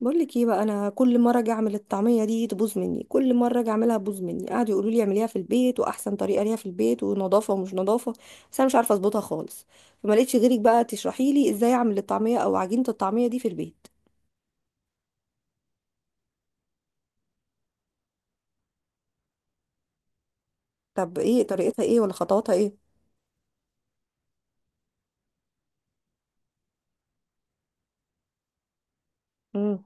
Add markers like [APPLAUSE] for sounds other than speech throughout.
بقول لك ايه بقى، انا كل مره اجي اعمل الطعميه دي تبوظ مني، كل مره اجي اعملها تبوظ مني. قعدوا يقولوا لي اعمليها في البيت، واحسن طريقه ليها في البيت، ونظافه ومش نظافه. بس انا مش عارفه اظبطها خالص. فما لقيتش غيرك بقى تشرحي لي ازاي اعمل الطعميه او عجينه الطعميه دي في البيت. طب ايه طريقتها، ايه ولا خطواتها ايه؟ امم.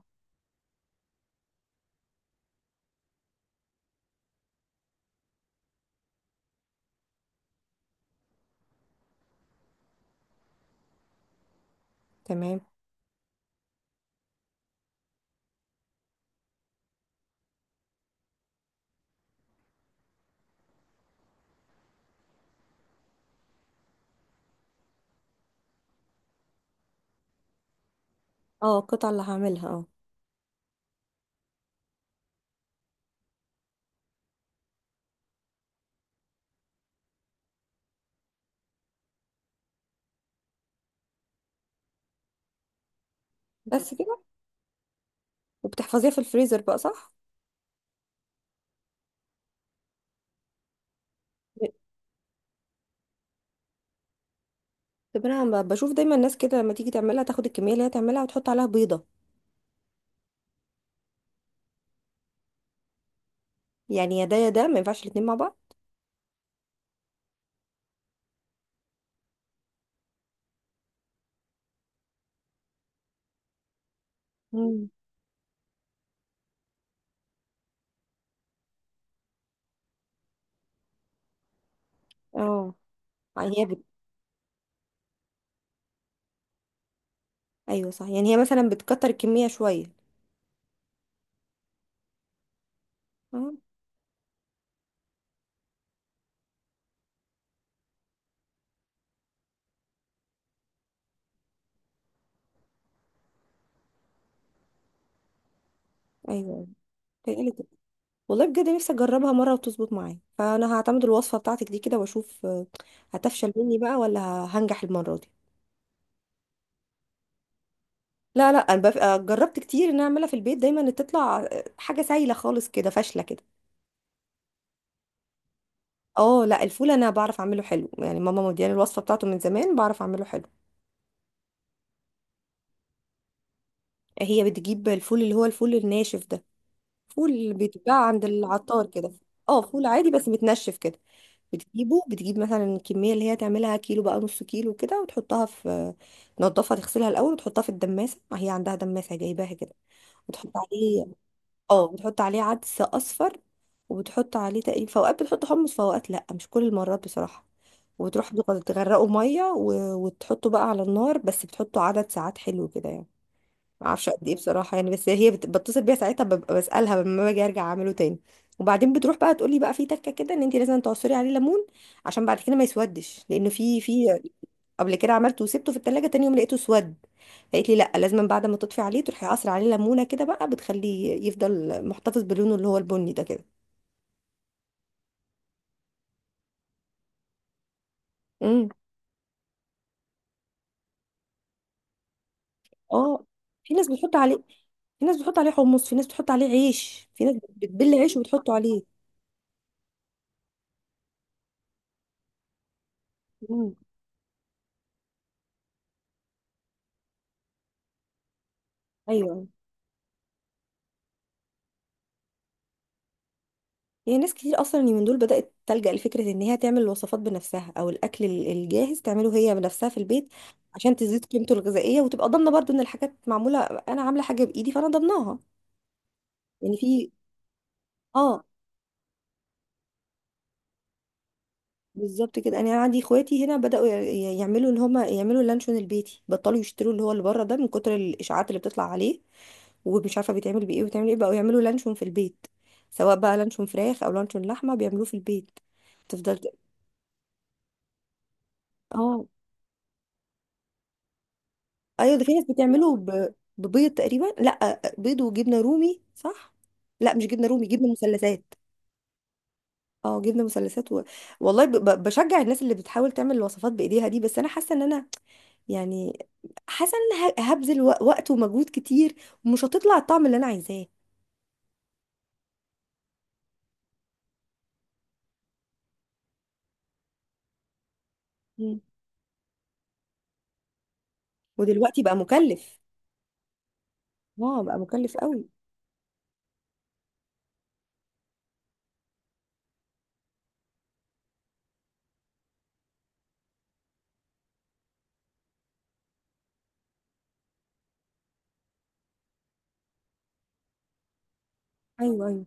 تمام. اه، القطعه اللي هعملها، اه. بس كده؟ وبتحفظيها في الفريزر بقى، صح؟ طب انا بشوف دايما الناس كده لما تيجي تعملها تاخد الكميه اللي هي تعملها وتحط عليها بيضه. يعني يا ده يا ده، ما ينفعش الاتنين مع بعض. مم. اه. يعني هي، ايوه صح، يعني هي مثلا بتكتر الكميه شويه. اه. ايوه، بتقلي كده. والله بجد نفسي اجربها مره وتظبط معايا، فانا هعتمد الوصفه بتاعتك دي كده واشوف، هتفشل مني بقى ولا هنجح المره دي؟ لا لا، انا جربت كتير ان أنا اعملها في البيت، دايما تطلع حاجه سايله خالص كده فاشله كده. اه لا، الفول انا بعرف اعمله حلو. يعني ماما مدياني الوصفه بتاعته من زمان، بعرف اعمله حلو. هي بتجيب الفول اللي هو الفول الناشف ده. فول بيتباع عند العطار كده. اه، فول عادي بس متنشف كده. بتجيبه، بتجيب مثلا الكمية اللي هي تعملها كيلو بقى، نص كيلو كده، وتحطها في، تنضفها تغسلها الأول وتحطها في الدماسة، هي عندها دماسة جايباها كده. وتحط عليه، اه، وتحط عليه عدس أصفر. وبتحط عليه تقريبا، في أوقات بتحط حمص في أوقات لأ، مش كل المرات بصراحة. وتروح تغرقه مية وتحطه بقى على النار. بس بتحطه عدد ساعات حلو كده يعني، ما اعرفش قد ايه بصراحه. يعني بس هي بتصل بيها ساعتها، ببقى بسالها لما باجي ارجع اعمله تاني. وبعدين بتروح بقى تقول لي بقى في تكه كده، ان انت لازم تعصري عليه ليمون عشان بعد كده ما يسودش، لانه في. قبل كده عملته وسبته في التلاجة، تاني يوم لقيته اسود. فقالت لي لا، لازم بعد ما تطفي عليه تروحي قاصره عليه ليمونه كده بقى، بتخليه يفضل محتفظ بلونه اللي هو البني ده كده. امم. اه، في ناس بتحط عليه، في ناس بتحط عليه حمص، في ناس بتحط عليه عيش، في ناس بتبل عيش وبتحطه عليه. امم. ايوه. يعني ناس كتير اصلا اليومين دول بدأت تلجأ لفكرة ان هي تعمل الوصفات بنفسها، او الاكل الجاهز تعمله هي بنفسها في البيت، عشان تزيد قيمته الغذائية وتبقى ضامنة برضو ان الحاجات معمولة، انا عاملة حاجة بايدي فانا ضامناها. يعني في، اه، بالظبط كده. انا عندي اخواتي هنا بدأوا يعملوا ان هما يعملوا اللانشون البيتي، بطلوا يشتروا اللي هو اللي بره ده من كتر الاشاعات اللي بتطلع عليه، ومش عارفة بيتعمل بايه وبيتعمل ايه، بقوا يعملوا لانشون في البيت، سواء بقى لانشون فراخ او لانشون لحمة بيعملوه في البيت. تفضل. اه ايوه، ده في ناس بتعمله ببيض تقريبا، لا بيض وجبنه رومي، صح؟ لا مش جبنه رومي، جبنه مثلثات. اه جبنه مثلثات والله بشجع الناس اللي بتحاول تعمل الوصفات بايديها دي. بس انا حاسه ان انا، يعني، حاسه ان انا هبذل وقت ومجهود كتير، ومش هتطلع الطعم اللي انا عايزاه. مم. ودلوقتي بقى مكلف. اه بقى مكلف قوي. ايوه ايوه،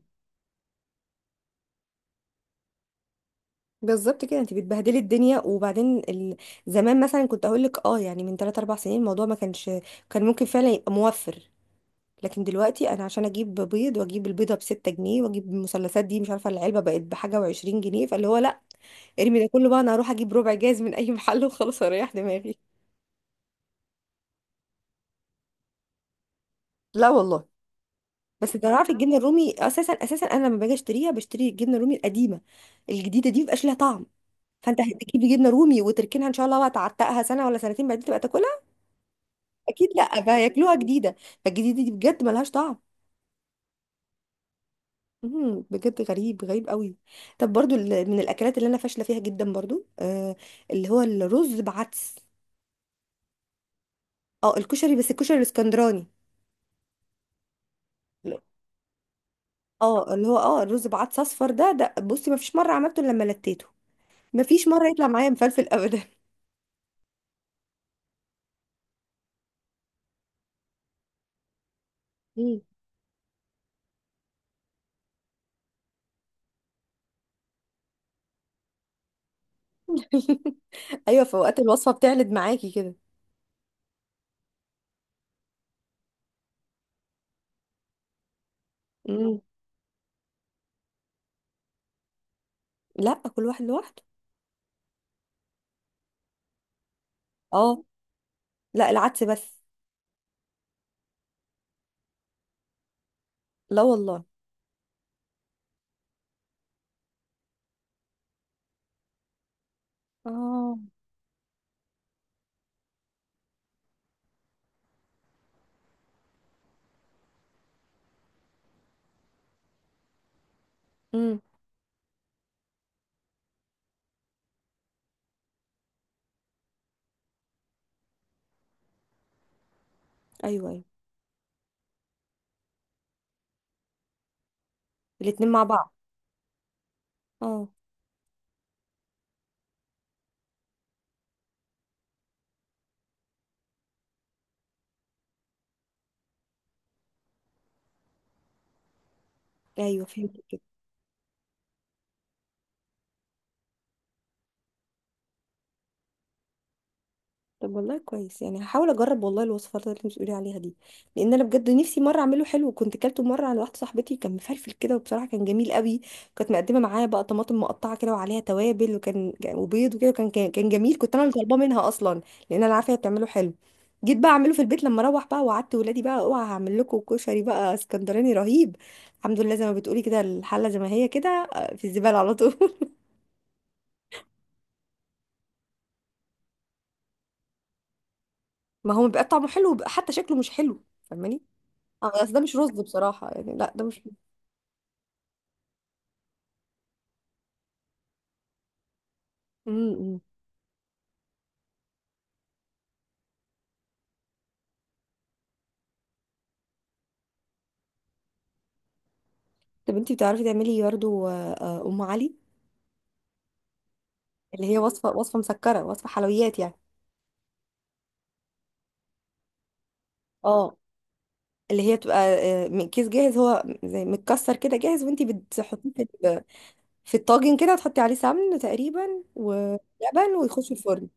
بالظبط كده، انت بتبهدلي الدنيا، وبعدين زمان مثلا كنت اقول لك اه، يعني، من 3 4 سنين الموضوع ما كانش، كان ممكن فعلا يبقى موفر. لكن دلوقتي انا عشان اجيب بيض، واجيب البيضه بستة جنيه، واجيب المثلثات دي، مش عارفه العلبه بقت بحاجه وعشرين جنيه، فاللي هو لا، ارمي ده كله بقى، انا هروح اجيب ربع جاز من اي محل وخلاص اريح دماغي. لا والله. بس ده انا عارفه الجبنه الرومي اساسا اساسا، انا لما باجي اشتريها بشتري الجبنه الرومي القديمه، الجديده دي مبقاش ليها طعم. فانت هتجيبي جبنه رومي وتركنها ان شاء الله بقى، تعتقها سنه ولا سنتين بعدين تبقى تاكلها، اكيد لا، بقى ياكلوها جديده. فالجديده دي بجد ملهاش طعم. مم، بجد غريب غريب قوي. طب برضو من الاكلات اللي انا فاشله فيها جدا برضو، آه، اللي هو الرز بعدس. اه الكشري، بس الكشري الاسكندراني. لا. اه اللي هو اه الرز بعدس اصفر ده ده بصي، ما فيش مره عملته إلا لما لتيته، ما فيش مره يطلع معايا مفلفل ابدا. مم. [LAUGHS] ايوه، في اوقات الوصفه بتعلد معاكي كده. مم. لا، كل واحد لوحده. اه. لا العدس بس. لا والله. اه. امم. ايوه ايوه، الاتنين مع بعض. اه. ايوه فهمت. طب والله كويس، يعني هحاول اجرب والله الوصفات اللي انت بتقولي عليها دي. لان انا بجد نفسي مره اعمله حلو. كنت كلته مره عند واحده صاحبتي كان مفلفل كده، وبصراحه كان جميل قوي. كانت مقدمه معاه بقى طماطم مقطعه كده وعليها توابل، وكان وبيض وكده، وكان كان كان جميل. كنت انا اللي طالباه منها اصلا، لان انا عارفه هي بتعمله حلو. جيت بقى اعمله في البيت لما اروح بقى، وقعدت ولادي بقى اوعى، هعمل لكم كشري بقى اسكندراني رهيب. الحمد لله، زي ما بتقولي كده، الحله زي ما هي كده، في الزباله على طول. [LAUGHS] ما هو بيبقى طعمه حلو وبيبقى حتى شكله مش حلو، فاهماني. اه بس ده مش رز بصراحة، يعني لا ده مش. امم. طب انتي بتعرفي تعملي برضه، ام علي، اللي هي وصفة وصفة مسكرة وصفة حلويات يعني. اه اللي هي بتبقى، من كيس جاهز، هو زي متكسر كده جاهز، وانتي بتحطيه في في الطاجن كده، وتحطي عليه سمن تقريبا ولبن ويخش الفرن.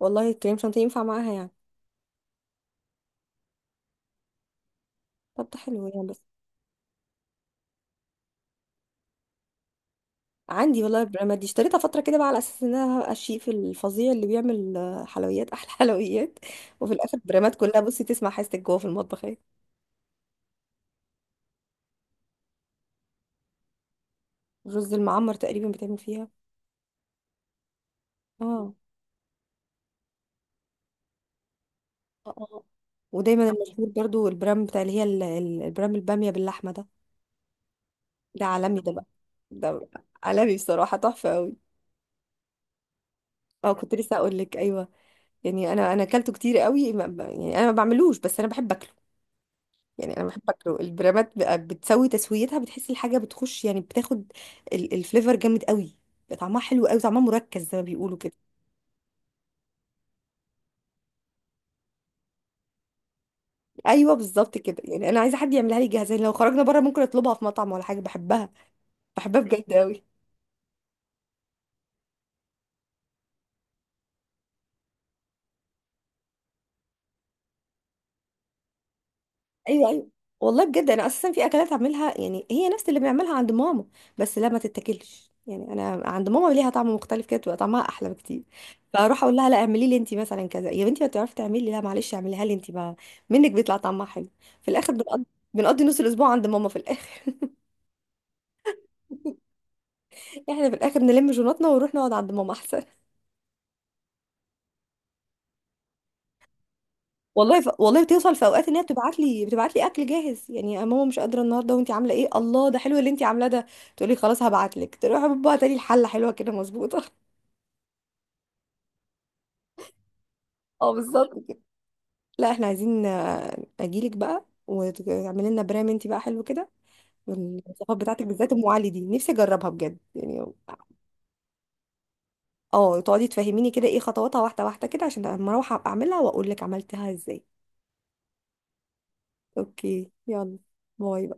والله الكريم شانتيه ينفع معاها يعني؟ طب ده حلو يعني. عندي والله البراند دي اشتريتها فترة كده بقى على أساس إن أنا هبقى الشيف الفظيع اللي بيعمل حلويات أحلى [LAUGHS] حلويات. وفي الآخر البرامات كلها بصي، تسمع حاجتك جوه في المطبخ اهي. الرز المعمر تقريبا بتعمل فيها. اه اه. آه. ودايما المشهور برضو البرام بتاع اللي هي البرام البامية باللحمة ده. ده عالمي ده بقى، ده عالمي بصراحة تحفة قوي. اه كنت لسه أقول لك أيوه. يعني أنا أكلته كتير قوي، يعني أنا ما بعملوش بس أنا بحب أكله. يعني انا بحب اكله، البرامات بقى بتسوي تسويتها، بتحس الحاجه بتخش، يعني بتاخد الفليفر جامد قوي، بقى طعمها حلو قوي، طعمها مركز زي ما بيقولوا كده. ايوه بالظبط كده، يعني انا عايزه حد يعملها لي جاهزه، يعني لو خرجنا بره ممكن اطلبها في مطعم ولا حاجه، بحبها، بحبها بجد قوي. ايوه ايوه. والله بجد انا اساسا في اكلات اعملها يعني هي نفس اللي بنعملها عند ماما، بس لا ما تتاكلش. يعني انا عند ماما ليها طعم مختلف كده، تبقى طعمها احلى بكتير. فاروح اقول لها لا، اعملي لي انت مثلا كذا يا بنتي، ما بتعرفي تعملي، لا معلش اعمليها لي انت بقى، منك بيطلع طعمها حلو. في الاخر بنقضي نص الاسبوع عند ماما في الاخر. [LAUGHS] احنا في الاخر نلم جوناتنا ونروح نقعد عند ماما احسن. والله والله بتوصل في اوقات ان هي بتبعت لي اكل جاهز. يعني يا ماما مش قادره النهارده، وانت عامله ايه؟ الله ده حلو اللي انت عاملاه ده. تقولي خلاص هبعت لك، تروح بابا تاني الحله حلوه كده مظبوطه. [LAUGHS] اه بالظبط كده. لا احنا عايزين، اجيلك بقى وتعملي لنا برام انت بقى حلو كده، والوصفات بتاعتك بالذات ام علي دي نفسي اجربها بجد يعني. اه تقعدي تفهميني كده ايه خطواتها واحده واحده كده، عشان لما اروح أبقى اعملها واقول لك عملتها ازاي. اوكي يلا، باي.